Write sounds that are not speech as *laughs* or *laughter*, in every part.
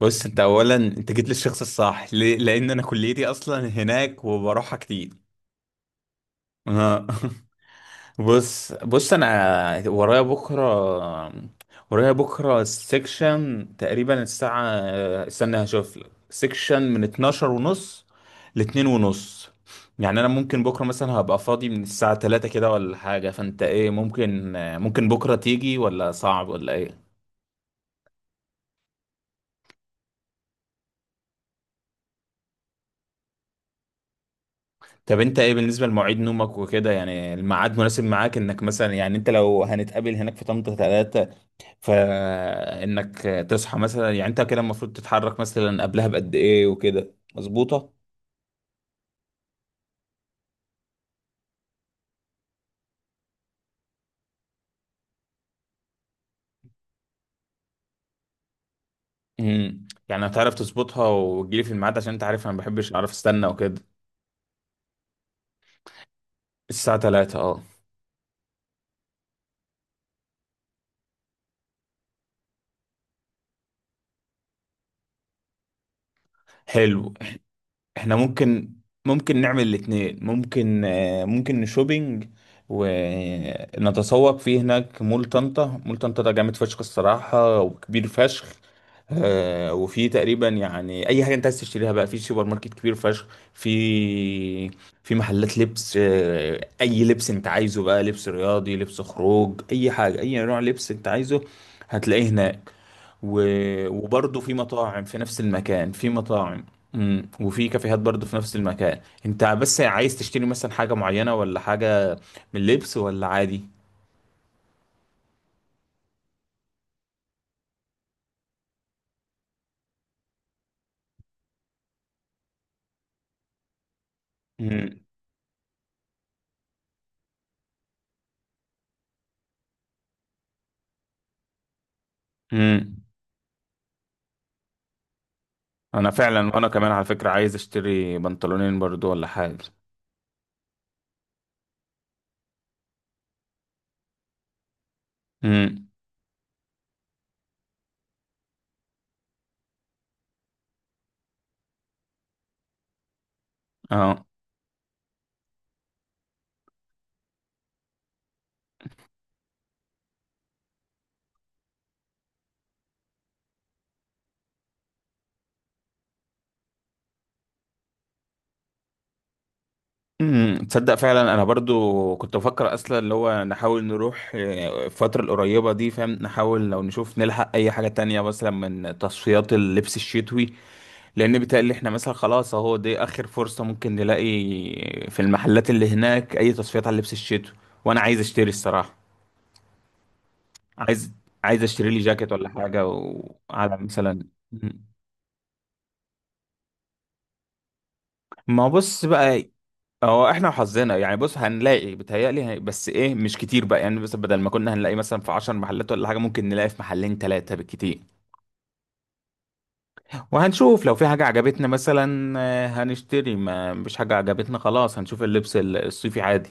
بص انت اولا انت جيت للشخص الصح ليه؟ لان انا كليتي اصلا هناك وبروحها كتير. آه. *laughs* بص انا ورايا بكره سيكشن تقريبا الساعه. استنى هشوف لك سيكشن من 12 ونص ل 2 ونص. يعني انا ممكن بكره مثلا هبقى فاضي من الساعه 3 كده ولا حاجه، فانت ايه ممكن بكره تيجي ولا صعب ولا ايه؟ طب انت ايه بالنسبه لمواعيد نومك وكده؟ يعني الميعاد مناسب معاك انك مثلا يعني انت لو هنتقابل هناك في طنطا 3، فانك تصحى مثلا، يعني انت كده المفروض تتحرك مثلا قبلها بقد ايه وكده مظبوطه؟ يعني هتعرف تظبطها وتجيلي في الميعاد، عشان انت عارف انا ما بحبش اعرف استنى وكده. الساعه 3، اه. حلو، احنا ممكن نعمل الاتنين، ممكن نشوبينج ونتسوق فيه هناك. مول طنطا، مول طنطا ده جامد فشخ الصراحة وكبير فشخ. وفي تقريبا يعني اي حاجه انت عايز تشتريها بقى في سوبر ماركت كبير فشخ. في في محلات لبس، اي لبس انت عايزه، بقى لبس رياضي، لبس خروج، اي حاجه، اي نوع لبس انت عايزه هتلاقيه هناك. و- وبرضه في مطاعم في نفس المكان، في مطاعم. مم. وفي كافيهات برضه في نفس المكان. انت بس عايز تشتري مثلا حاجه معينه ولا حاجه من لبس، ولا عادي؟ مم. مم. انا فعلا، وانا كمان على فكرة عايز اشتري بنطلونين برضو ولا حاجة. امم. اه. تصدق فعلا انا برضو كنت بفكر اصلا اللي هو نحاول نروح، الفترة القريبة دي، فاهم، نحاول لو نشوف نلحق اي حاجة تانية مثلا من تصفيات اللبس الشتوي. لان بيتهيألي احنا مثلا خلاص اهو دي اخر فرصة ممكن نلاقي في المحلات اللي هناك اي تصفيات على اللبس الشتوي، وانا عايز اشتري الصراحة. عايز عايز اشتري لي جاكيت ولا حاجة، وعلى مثلا. مم. ما بص بقى، هو احنا وحظنا يعني. بص هنلاقي بتهيألي، بس ايه، مش كتير بقى يعني. بس بدل ما كنا هنلاقي مثلا في 10 محلات ولا حاجة، ممكن نلاقي في محلين 3 بالكتير. وهنشوف لو في حاجة عجبتنا مثلا، هنشتري، ما مش حاجة عجبتنا خلاص هنشوف اللبس الصيفي عادي.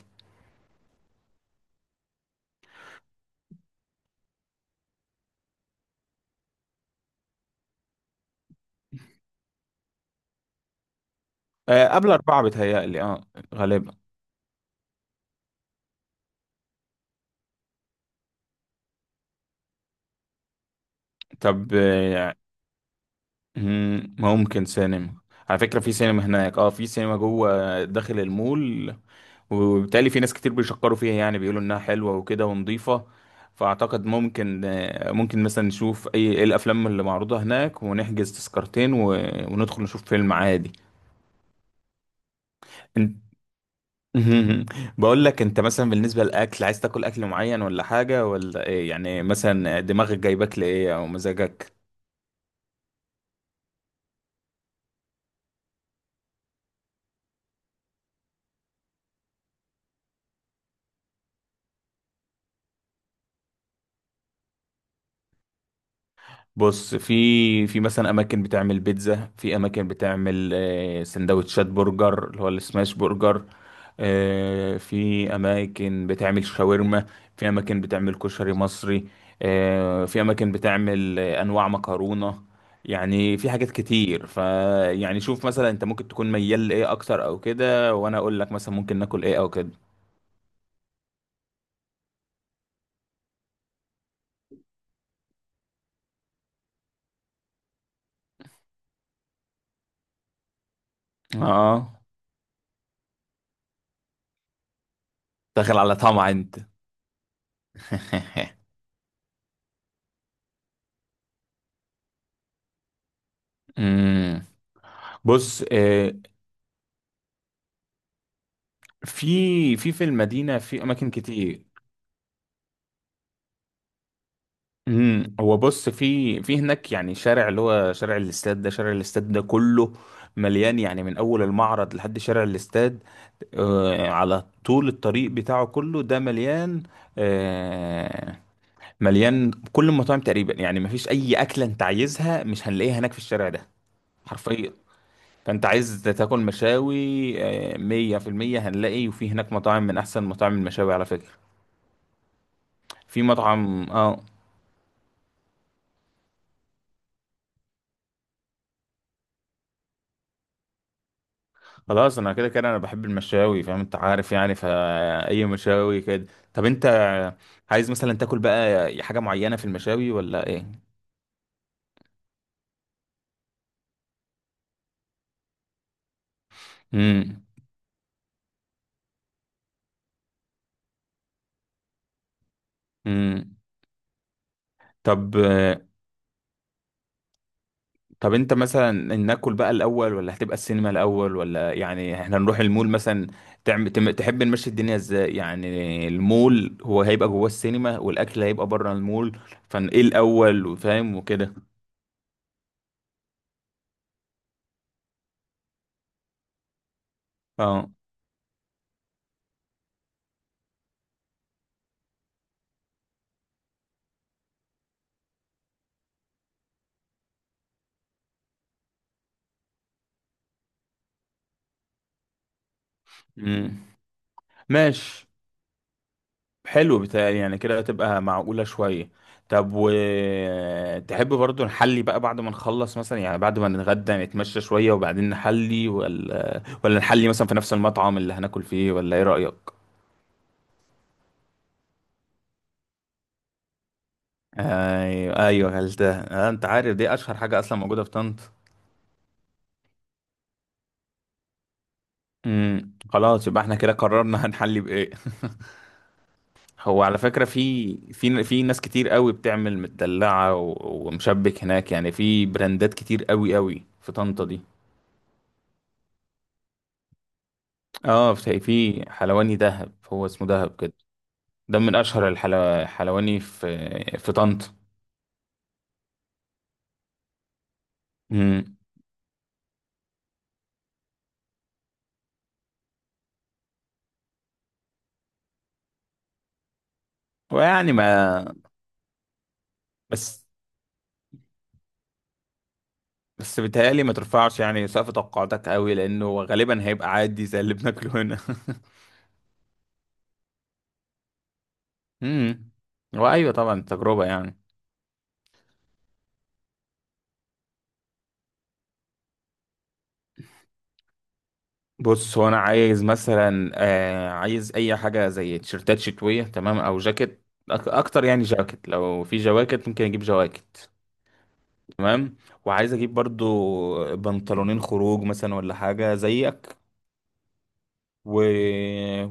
قبل 4 بتهيألي، اه غالبا. طب. ممكن سينما. على فكرة في سينما هناك، اه، في سينما جوه داخل المول، وبالتالي في ناس كتير بيشكروا فيها، يعني بيقولوا انها حلوه وكده ونظيفه. فاعتقد ممكن، ممكن مثلا نشوف إيه الافلام اللي معروضه هناك، ونحجز تذكرتين و... وندخل نشوف فيلم عادي. انت. *laughs* بقول لك انت مثلا بالنسبه للاكل، عايز تاكل اكل معين ولا حاجه ولا ايه؟ يعني مثلا دماغك جايبك لايه، او مزاجك؟ بص، في مثلا اماكن بتعمل بيتزا، في اماكن بتعمل سندوتشات برجر اللي هو السماش برجر، في اماكن بتعمل شاورما، في اماكن بتعمل كشري مصري، في اماكن بتعمل انواع مكرونة. يعني في حاجات كتير يعني. شوف مثلا انت ممكن تكون ميال لايه اكتر او كده، وانا اقول لك مثلا ممكن ناكل ايه او كده. اه، داخل على طمع انت. *laughs* مم. بص، في المدينة في أماكن كتير. هو بص، في هناك يعني شارع اللي هو شارع الاستاد ده كله مليان يعني، من أول المعرض لحد شارع الاستاد، على طول الطريق بتاعه كله ده مليان آه مليان كل المطاعم تقريبا يعني. مفيش أي أكلة أنت عايزها مش هنلاقيها هناك في الشارع ده حرفيا. فأنت عايز تاكل مشاوي، 100% هنلاقي. وفي هناك مطاعم من أحسن مطاعم المشاوي على فكرة. في مطعم خلاص، انا كده كده انا بحب المشاوي فاهم، انت عارف يعني، فاي مشاوي كده. طب انت عايز مثلا تاكل بقى حاجه معينه في المشاوي ولا ايه؟ امم. امم. طب طب انت مثلا ناكل بقى الاول، ولا هتبقى السينما الاول، ولا يعني احنا نروح المول مثلا؟ تحب نمشي الدنيا ازاي؟ يعني المول هو هيبقى جوه، السينما والاكل هيبقى بره المول، فايه الاول وفاهم وكده؟ اه. امم. ماشي، حلو، بتهيألي يعني كده هتبقى معقولة شوية. طب. تحب برضو نحلي بقى بعد ما نخلص مثلا، يعني بعد ما نتغدى نتمشى شوية وبعدين نحلي، ولا نحلي مثلا في نفس المطعم اللي هناكل فيه، ولا ايه رأيك؟ ايوه، ايوه، غلتها، انت عارف دي اشهر حاجة اصلا موجودة في طنطا. امم. خلاص يبقى احنا كده قررنا هنحلي بايه. *laughs* هو على فكرة في ناس كتير قوي بتعمل مدلعة و- ومشبك هناك، يعني في براندات كتير قوي قوي في طنطا دي. اه، في حلواني دهب، هو اسمه دهب كده، ده من اشهر الحلواني في في طنطا. امم. ويعني ما بس بس بيتهيألي ما ترفعش يعني سقف توقعاتك قوي، لانه غالبا هيبقى عادي زي اللي بناكله هنا. *laughs* امم. وايوه طبعا تجربه يعني. بص هو انا عايز مثلا، عايز اي حاجه زي تيشرتات شتويه تمام، او جاكيت اكتر، يعني جاكيت، لو في جواكت ممكن اجيب جواكت. تمام. وعايز اجيب برضو بنطلونين خروج مثلا ولا حاجه زيك و...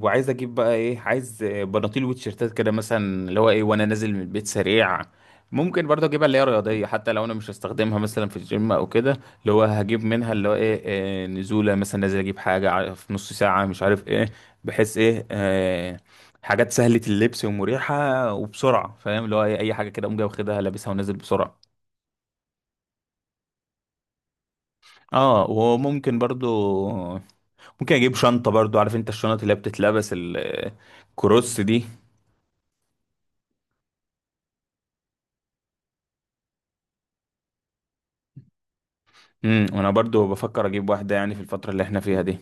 وعايز اجيب بقى ايه، عايز بناطيل وتيشيرتات كده مثلا اللي هو ايه، وانا نازل من البيت سريع ممكن برضو اجيبها اللي هي رياضيه، حتى لو انا مش هستخدمها مثلا في الجيم او كده، اللي هو هجيب منها اللي هو ايه، نزوله مثلا، نازل اجيب حاجه في نص ساعه مش عارف ايه، بحيث ايه، حاجات سهله اللبس ومريحه وبسرعه فاهم، اللي هو ايه، اي حاجه كده اقوم جاي واخدها لابسها ونازل بسرعه. اه، وممكن برضو ممكن اجيب شنطة برضو، عارف انت الشنط اللي هي بتتلبس ال- الكروس دي. امم. وانا برضو بفكر اجيب واحدة يعني في الفترة اللي احنا فيها دي.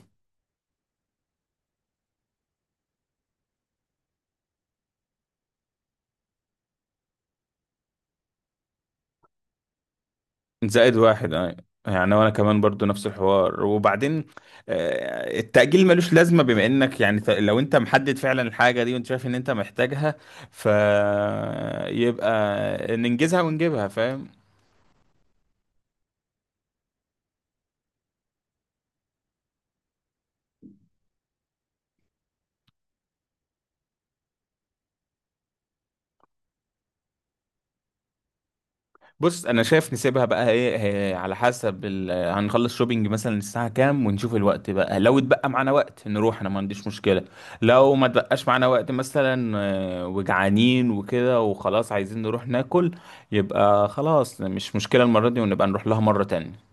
زائد واحد، آه. يعني وانا كمان برضو نفس الحوار، وبعدين التأجيل ملوش لازمة، بما انك يعني لو انت محدد فعلا الحاجة دي وانت شايف ان انت محتاجها، فيبقى ننجزها ونجيبها فاهم. بص انا شايف نسيبها بقى ايه إيه، على حسب هنخلص شوبينج مثلا الساعه كام، ونشوف الوقت بقى، لو اتبقى معانا وقت نروح انا ما عنديش مشكله، لو ما اتبقاش معانا وقت مثلا، وجعانين وكده وخلاص عايزين نروح ناكل، يبقى خلاص مش مشكله المره دي، ونبقى نروح لها مره تانية